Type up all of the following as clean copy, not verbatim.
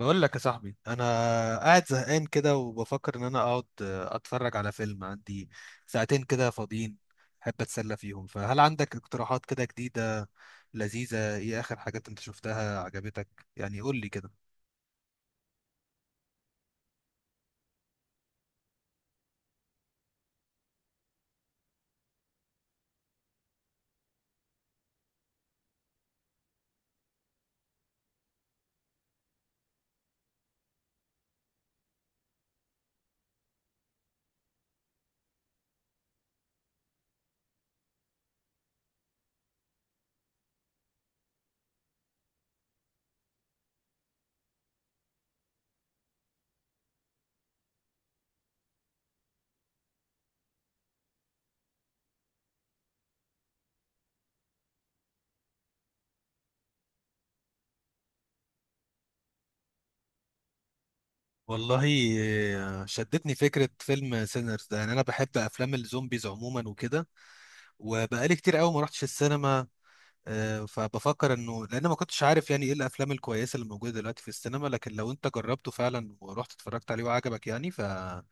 بقول لك يا صاحبي، انا قاعد زهقان كده وبفكر ان انا اقعد اتفرج على فيلم. عندي ساعتين كده فاضيين احب اتسلى فيهم، فهل عندك اقتراحات كده جديدة لذيذة؟ ايه اخر حاجات انت شفتها عجبتك؟ يعني قول لي كده. والله شدتني فكرة فيلم سينرز ده، يعني انا بحب افلام الزومبيز عموما وكده، وبقالي كتير قوي ما رحتش السينما. فبفكر انه لان ما كنتش عارف يعني ايه الافلام الكويسه اللي موجوده دلوقتي في السينما، لكن لو انت جربته فعلا ورحت اتفرجت عليه وعجبك يعني فانا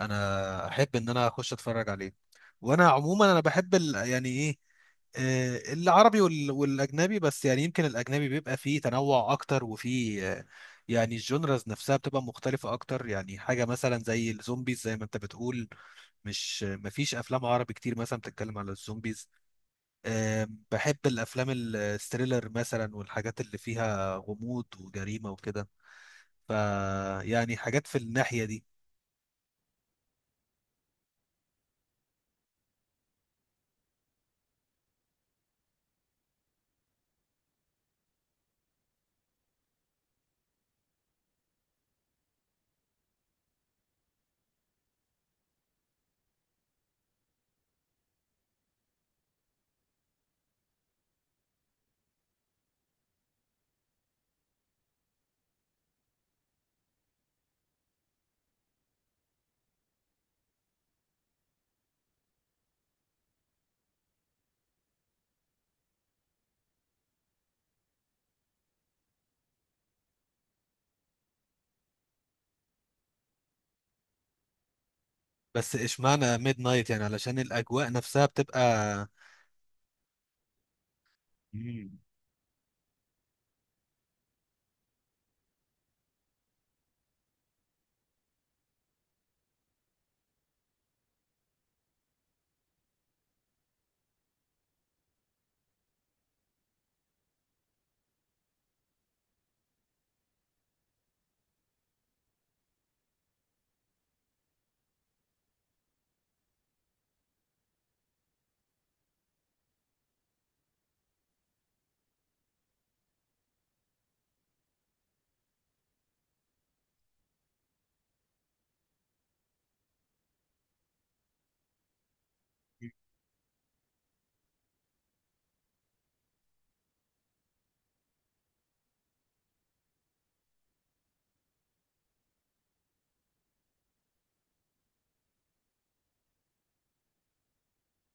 احب ان انا اخش اتفرج عليه. وانا عموما انا بحب يعني ايه، العربي والاجنبي، بس يعني يمكن الاجنبي بيبقى فيه تنوع اكتر وفيه يعني الجونرز نفسها بتبقى مختلفة أكتر. يعني حاجة مثلا زي الزومبيز زي ما أنت بتقول، مش مفيش أفلام عربي كتير مثلا بتتكلم على الزومبيز. بحب الافلام الستريلر مثلا والحاجات اللي فيها غموض وجريمه وكده. ف يعني حاجات في الناحيه دي. بس اشمعنى ميد نايت؟ يعني علشان الاجواء نفسها بتبقى. مم.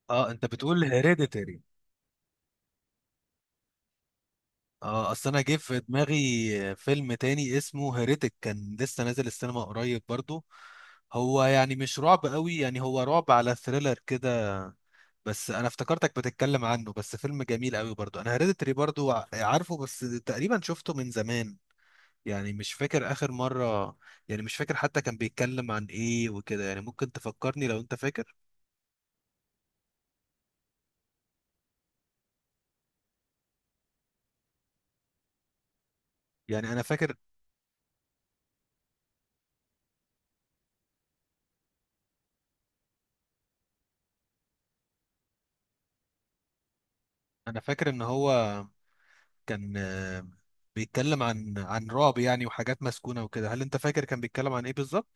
اه، انت بتقول هيريديتري؟ اه، اصل انا جه في دماغي فيلم تاني اسمه هيريتك كان لسه نازل السينما قريب برضو. هو يعني مش رعب قوي، يعني هو رعب على ثريلر كده، بس انا افتكرتك بتتكلم عنه. بس فيلم جميل قوي برضو. انا هيريديتري برضو عارفه، بس تقريبا شفته من زمان، يعني مش فاكر اخر مرة، يعني مش فاكر حتى كان بيتكلم عن ايه وكده. يعني ممكن تفكرني لو انت فاكر. يعني انا فاكر انا فاكر ان هو كان بيتكلم عن رعب يعني وحاجات مسكونة وكده. هل انت فاكر كان بيتكلم عن ايه بالظبط؟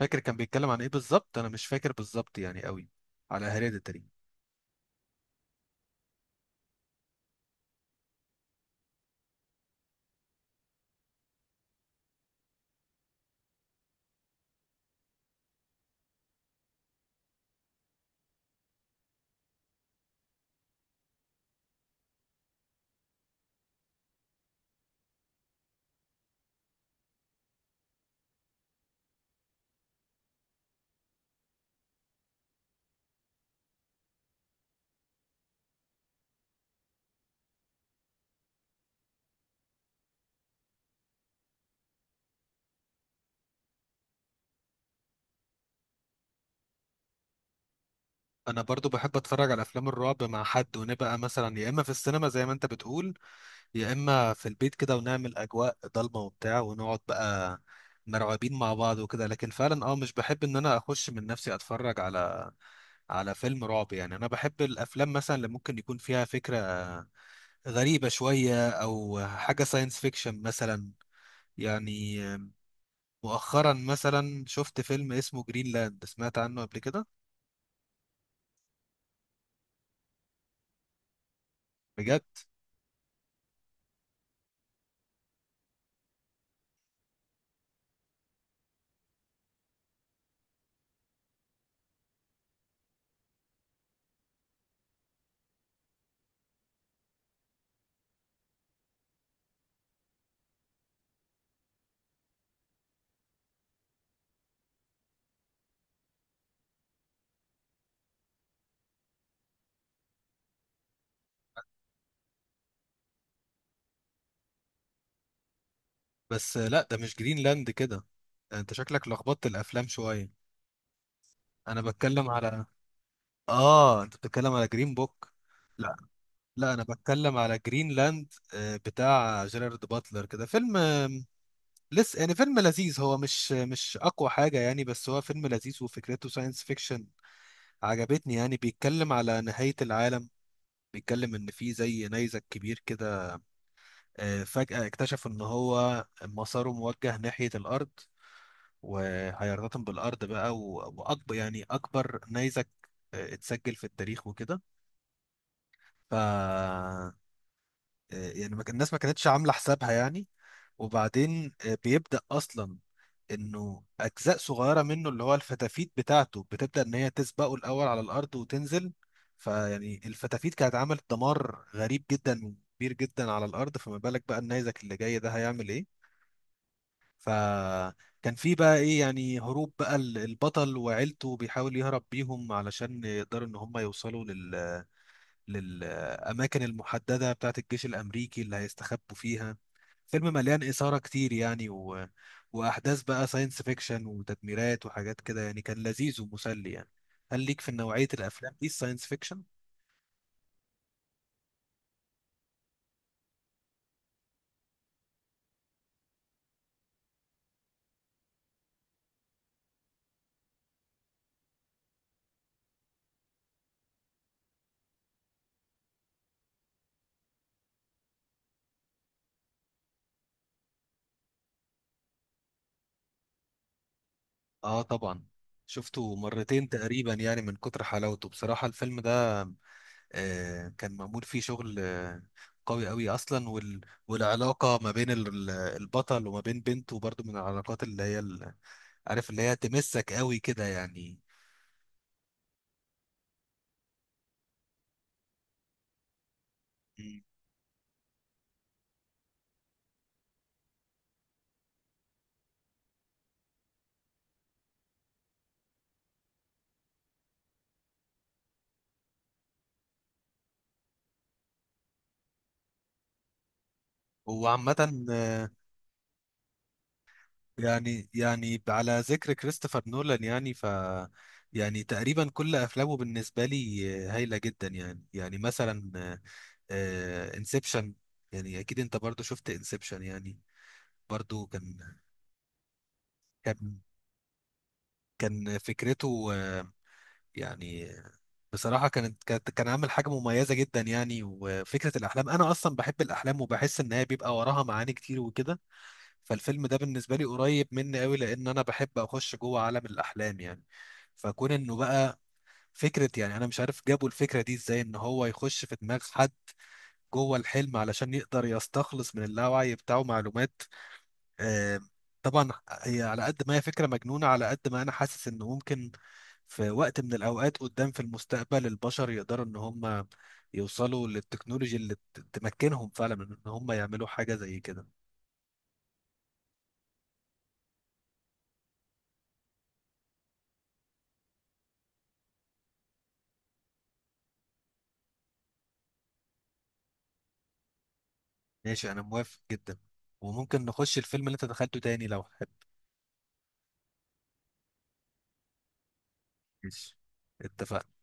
فاكر كان بيتكلم عن ايه بالظبط؟ انا مش فاكر بالظبط يعني قوي على هيريديتري. انا برضو بحب اتفرج على افلام الرعب مع حد، ونبقى مثلا يا اما في السينما زي ما انت بتقول، يا اما في البيت كده، ونعمل اجواء ضلمه وبتاع ونقعد بقى مرعوبين مع بعض وكده. لكن فعلا اه مش بحب ان انا اخش من نفسي اتفرج على فيلم رعب يعني. انا بحب الافلام مثلا اللي ممكن يكون فيها فكره غريبه شويه او حاجه ساينس فيكشن مثلا يعني. مؤخرا مثلا شفت فيلم اسمه جرينلاند، سمعت عنه قبل كده؟ بجد؟ بس لا، ده مش جرينلاند كده، انت شكلك لخبطت الافلام شويه. انا بتكلم على، اه، انت بتتكلم على جرين بوك. لا، لا، انا بتكلم على جرينلاند، بتاع جيرارد باتلر كده. فيلم لسه يعني. فيلم لذيذ، هو مش اقوى حاجه يعني، بس هو فيلم لذيذ وفكرته ساينس فيكشن عجبتني. يعني بيتكلم على نهايه العالم، بيتكلم ان في زي نيزك كبير كده فجاه اكتشف ان هو مساره موجه ناحيه الارض وهيرتطم بالارض بقى، واكبر يعني اكبر نيزك اتسجل في التاريخ وكده. ف آه، يعني ما كان- الناس ما كانتش عامله حسابها يعني. وبعدين بيبدا اصلا انه اجزاء صغيره منه اللي هو الفتافيت بتاعته بتبدا ان هي تسبقه الاول على الارض وتنزل. فيعني الفتافيت كانت عملت دمار غريب جدا وكبير جدا على الارض، فما بالك بقى النيزك اللي جاي ده هيعمل ايه. فكان في بقى ايه يعني هروب بقى البطل وعيلته، بيحاول يهرب بيهم علشان يقدروا ان هم يوصلوا للأماكن المحددة بتاعة الجيش الأمريكي اللي هيستخبوا فيها. فيلم مليان إثارة كتير يعني وأحداث بقى ساينس فيكشن وتدميرات وحاجات كده يعني. كان لذيذ ومسلي يعني. هل ليك في نوعية الأفلام دي الساينس فيكشن؟ آه طبعا، شفته مرتين تقريبا يعني من كتر حلاوته بصراحة الفيلم ده. كان معمول فيه شغل قوي اصلا. والعلاقه ما بين البطل وما بين بنته برضو من العلاقات اللي هي عارف اللي هي تمسك قوي كده يعني. مم. هو عامه يعني على ذكر كريستوفر نولان، يعني ف يعني تقريبا كل افلامه بالنسبه لي هايله جدا يعني. يعني مثلا انسبشن، يعني اكيد انت برضو شفت انسبشن يعني. برضو كان كان كان فكرته يعني بصراحة كان عامل حاجة مميزة جدا يعني. وفكرة الأحلام أنا أصلا بحب الأحلام وبحس إن هي بيبقى وراها معاني كتير وكده. فالفيلم ده بالنسبة لي قريب مني أوي، لأن أنا بحب أخش جوه عالم الأحلام يعني. فكون إنه بقى فكرة، يعني أنا مش عارف جابوا الفكرة دي إزاي، إن هو يخش في دماغ حد جوه الحلم علشان يقدر يستخلص من اللاوعي بتاعه معلومات. آه، طبعا هي على قد ما هي فكرة مجنونة، على قد ما أنا حاسس إنه ممكن في وقت من الأوقات قدام في المستقبل البشر يقدروا إن هم يوصلوا للتكنولوجيا اللي تمكنهم فعلا من إن هم يعملوا حاجة زي كده. ماشي، أنا موافق جدا. وممكن نخش الفيلم اللي أنت دخلته تاني لو حابب. ماشي، اتفقنا.